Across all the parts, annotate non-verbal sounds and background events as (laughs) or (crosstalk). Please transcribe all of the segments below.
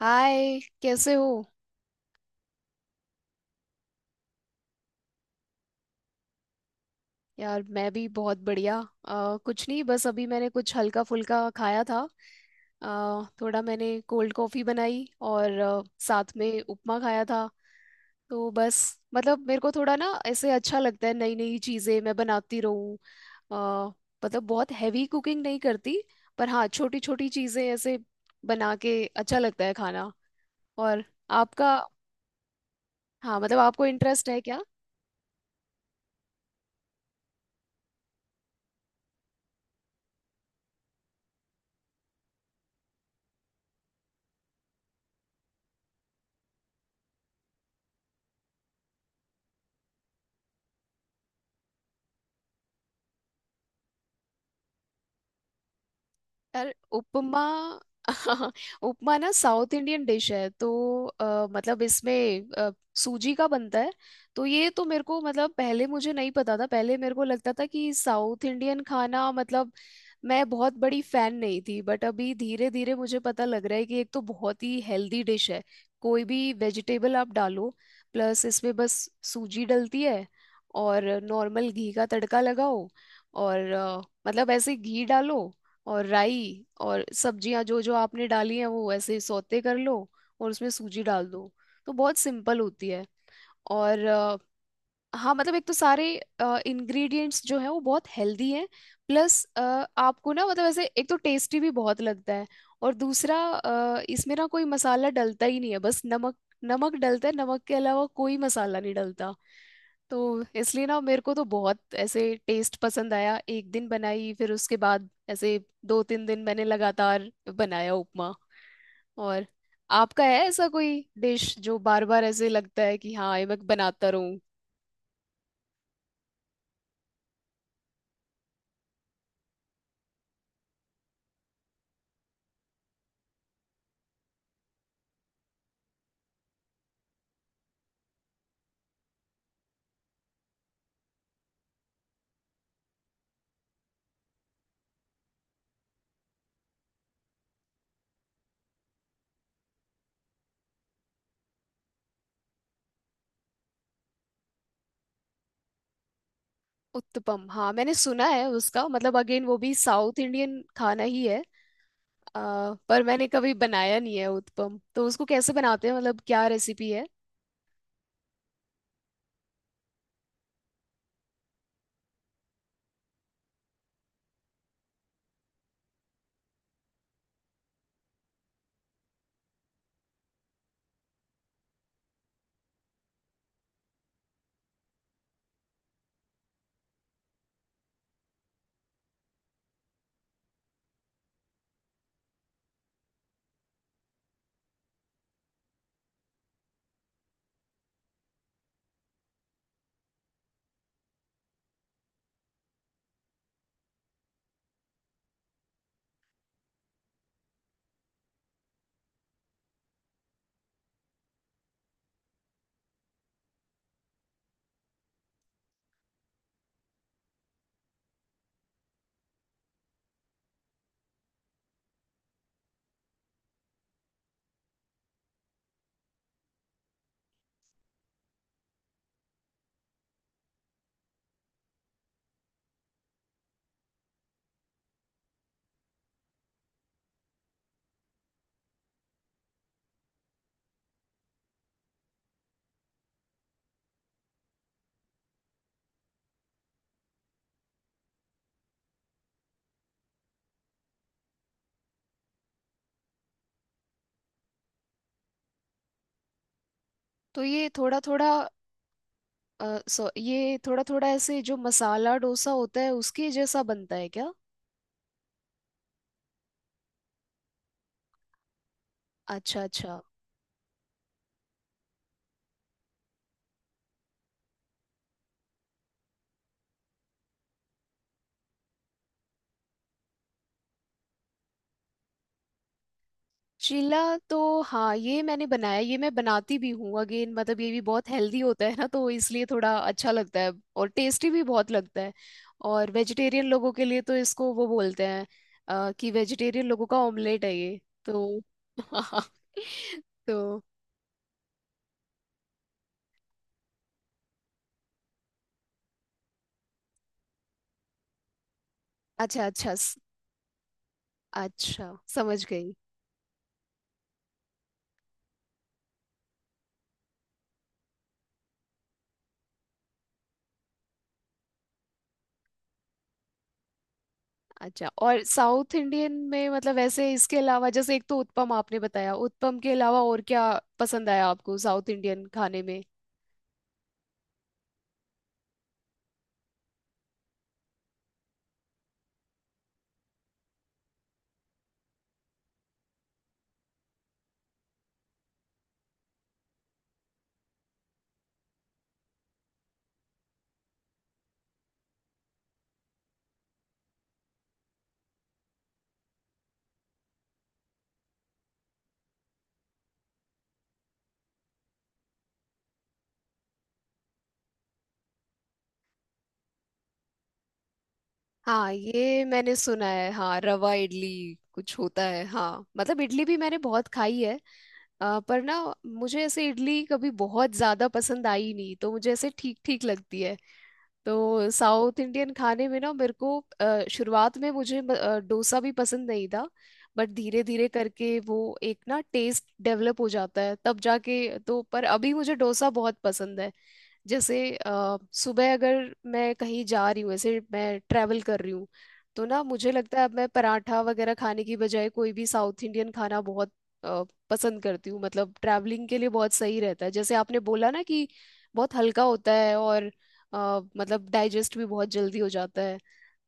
हाय, कैसे हो। यार, मैं भी बहुत बढ़िया। कुछ नहीं, बस अभी मैंने कुछ हल्का फुल्का खाया था। थोड़ा मैंने कोल्ड कॉफ़ी बनाई और साथ में उपमा खाया था। तो बस, मतलब मेरे को थोड़ा ना ऐसे अच्छा लगता है नई नई चीज़ें मैं बनाती रहूँ। अ, मतलब बहुत हैवी कुकिंग नहीं करती, पर हाँ, छोटी छोटी चीज़ें ऐसे बना के अच्छा लगता है खाना। और आपका? हाँ, मतलब आपको इंटरेस्ट है क्या? यार, उपमा। (laughs) उपमा ना साउथ इंडियन डिश है, तो मतलब इसमें सूजी का बनता है। तो ये तो मेरे को, मतलब पहले मुझे नहीं पता था, पहले मेरे को लगता था कि साउथ इंडियन खाना मतलब मैं बहुत बड़ी फैन नहीं थी, बट अभी धीरे धीरे मुझे पता लग रहा है कि एक तो बहुत ही हेल्दी डिश है। कोई भी वेजिटेबल आप डालो, प्लस इसमें बस सूजी डलती है और नॉर्मल घी का तड़का लगाओ। और मतलब ऐसे घी डालो और राई और सब्जियां जो जो आपने डाली हैं वो ऐसे सौते कर लो और उसमें सूजी डाल दो। तो बहुत सिंपल होती है। और हाँ, मतलब एक तो सारे इंग्रेडिएंट्स जो है वो बहुत हेल्दी हैं। प्लस आपको ना, मतलब ऐसे एक तो टेस्टी भी बहुत लगता है और दूसरा इसमें ना कोई मसाला डलता ही नहीं है, बस नमक। नमक डलता है, नमक के अलावा कोई मसाला नहीं डलता। तो इसलिए ना मेरे को तो बहुत ऐसे टेस्ट पसंद आया। एक दिन बनाई, फिर उसके बाद ऐसे दो तीन दिन मैंने लगातार बनाया उपमा। और आपका है ऐसा कोई डिश जो बार बार ऐसे लगता है कि हाँ ये मैं बनाता रहूं? उत्तपम, हाँ मैंने सुना है उसका, मतलब अगेन वो भी साउथ इंडियन खाना ही है। पर मैंने कभी बनाया नहीं है उत्पम, तो उसको कैसे बनाते हैं, मतलब क्या रेसिपी है? तो ये थोड़ा थोड़ा सो ये थोड़ा थोड़ा ऐसे जो मसाला डोसा होता है उसके जैसा बनता है क्या? अच्छा अच्छा। चीला, तो हाँ ये मैंने बनाया, ये मैं बनाती भी हूँ। अगेन, मतलब ये भी बहुत हेल्दी होता है ना, तो इसलिए थोड़ा अच्छा लगता है। और टेस्टी भी बहुत लगता है। और वेजिटेरियन लोगों के लिए तो इसको वो बोलते हैं कि वेजिटेरियन लोगों का ऑमलेट है ये। तो (laughs) तो अच्छा अच्छा अच्छा, समझ गई। अच्छा, और साउथ इंडियन में मतलब ऐसे इसके अलावा, जैसे एक तो उत्पम आपने बताया, उत्पम के अलावा और क्या पसंद आया आपको साउथ इंडियन खाने में? हाँ ये मैंने सुना है, हाँ रवा इडली कुछ होता है, हाँ। मतलब इडली भी मैंने बहुत खाई है, पर ना मुझे ऐसे इडली कभी बहुत ज्यादा पसंद आई नहीं, तो मुझे ऐसे ठीक ठीक लगती है। तो साउथ इंडियन खाने में ना मेरे को शुरुआत में मुझे डोसा भी पसंद नहीं था, बट धीरे धीरे करके वो एक ना टेस्ट डेवलप हो जाता है तब जाके। तो पर अभी मुझे डोसा बहुत पसंद है। जैसे सुबह अगर मैं कहीं जा रही हूँ, ऐसे मैं ट्रैवल कर रही हूँ, तो ना मुझे लगता है अब मैं पराठा वगैरह खाने की बजाय कोई भी साउथ इंडियन खाना बहुत अ, पसंद करती हूँ। मतलब ट्रैवलिंग के लिए बहुत सही रहता है, जैसे आपने बोला ना कि बहुत हल्का होता है और मतलब डाइजेस्ट भी बहुत जल्दी हो जाता है।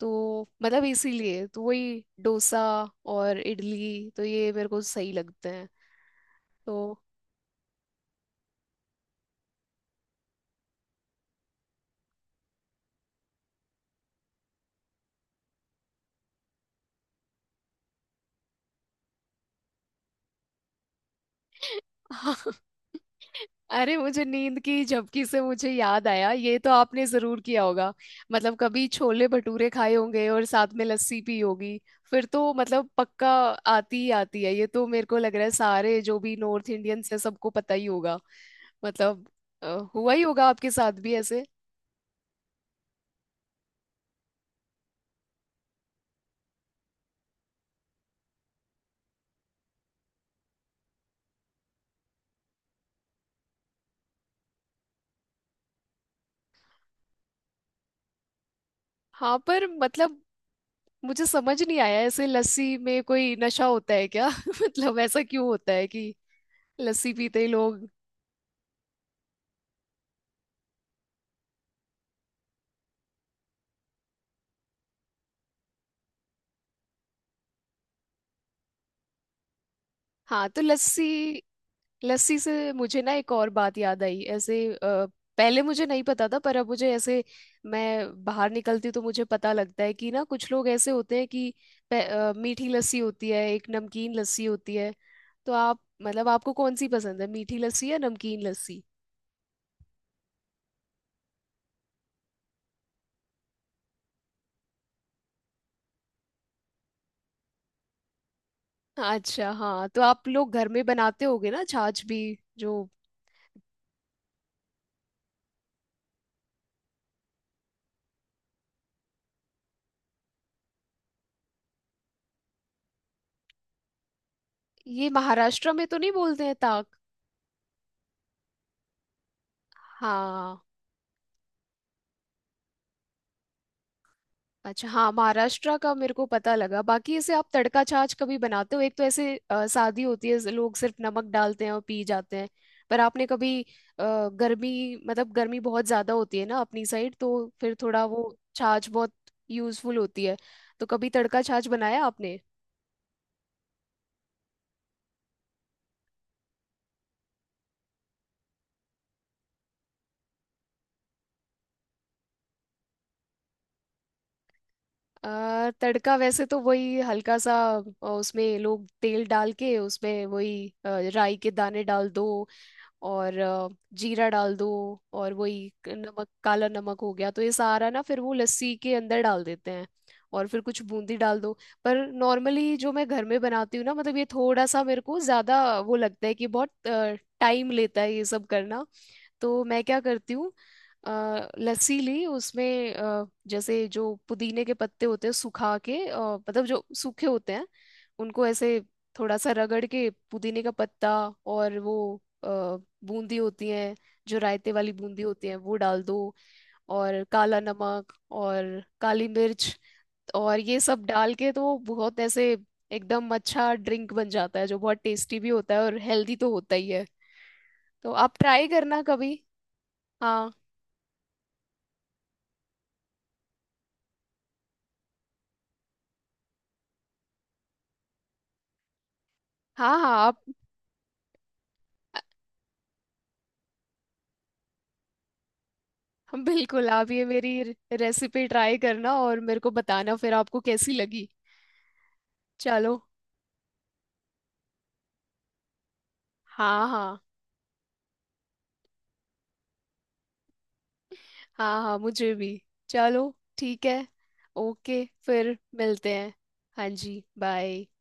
तो मतलब इसीलिए तो वही डोसा और इडली, तो ये मेरे को सही लगते हैं। तो (laughs) अरे, मुझे नींद की झपकी से मुझे याद आया, ये तो आपने जरूर किया होगा। मतलब कभी छोले भटूरे खाए होंगे और साथ में लस्सी पी होगी, फिर तो मतलब पक्का आती ही आती है। ये तो मेरे को लग रहा है सारे जो भी नॉर्थ इंडियंस है सबको पता ही होगा, मतलब अ, हुआ ही होगा आपके साथ भी ऐसे। हाँ, पर मतलब मुझे समझ नहीं आया, ऐसे लस्सी में कोई नशा होता है क्या? (laughs) मतलब ऐसा क्यों होता है कि लस्सी पीते ही लोग। हाँ, तो लस्सी लस्सी से मुझे ना एक और बात याद आई ऐसे। पहले मुझे नहीं पता था, पर अब मुझे ऐसे, मैं बाहर निकलती हूँ तो मुझे पता लगता है कि ना कुछ लोग ऐसे होते हैं कि मीठी लस्सी होती है, एक नमकीन लस्सी होती है। तो आप, मतलब आपको कौन सी पसंद है, मीठी लस्सी या नमकीन लस्सी? अच्छा, हाँ, तो आप लोग घर में बनाते होगे ना छाछ भी, जो ये महाराष्ट्र में तो नहीं बोलते हैं ताक? हाँ, अच्छा, हाँ, महाराष्ट्र का मेरे को पता लगा। बाकी इसे आप तड़का छाछ कभी बनाते हो? एक तो ऐसे सादी होती है, लोग सिर्फ नमक डालते हैं और पी जाते हैं। पर आपने कभी गर्मी, मतलब गर्मी बहुत ज्यादा होती है ना अपनी साइड, तो फिर थोड़ा वो छाछ बहुत यूजफुल होती है। तो कभी तड़का छाछ बनाया आपने? तड़का वैसे तो वही हल्का सा उसमें लोग तेल डाल के उसमें वही राई के दाने डाल दो और जीरा डाल दो और वही नमक, काला नमक हो गया, तो ये सारा ना फिर वो लस्सी के अंदर डाल देते हैं और फिर कुछ बूंदी डाल दो। पर नॉर्मली जो मैं घर में बनाती हूँ ना, मतलब ये थोड़ा सा मेरे को ज्यादा वो लगता है कि बहुत टाइम लेता है ये सब करना। तो मैं क्या करती हूँ, लस्सी ली, उसमें जैसे जो पुदीने के पत्ते होते हैं सुखा के, मतलब जो सूखे होते हैं, उनको ऐसे थोड़ा सा रगड़ के, पुदीने का पत्ता, और वो अ, बूंदी होती है, जो रायते वाली बूंदी होती है, वो डाल दो और काला नमक और काली मिर्च, और ये सब डाल के तो बहुत ऐसे एकदम अच्छा ड्रिंक बन जाता है, जो बहुत टेस्टी भी होता है और हेल्दी तो होता ही है। तो आप ट्राई करना कभी। हाँ, हाँ आप। (laughs) बिल्कुल, आप ये मेरी रेसिपी ट्राई करना और मेरे को बताना फिर आपको कैसी लगी। चलो। हाँ हाँ हाँ हाँ मुझे भी। चलो, ठीक है। ओके, फिर मिलते हैं। हाँ जी, बाय।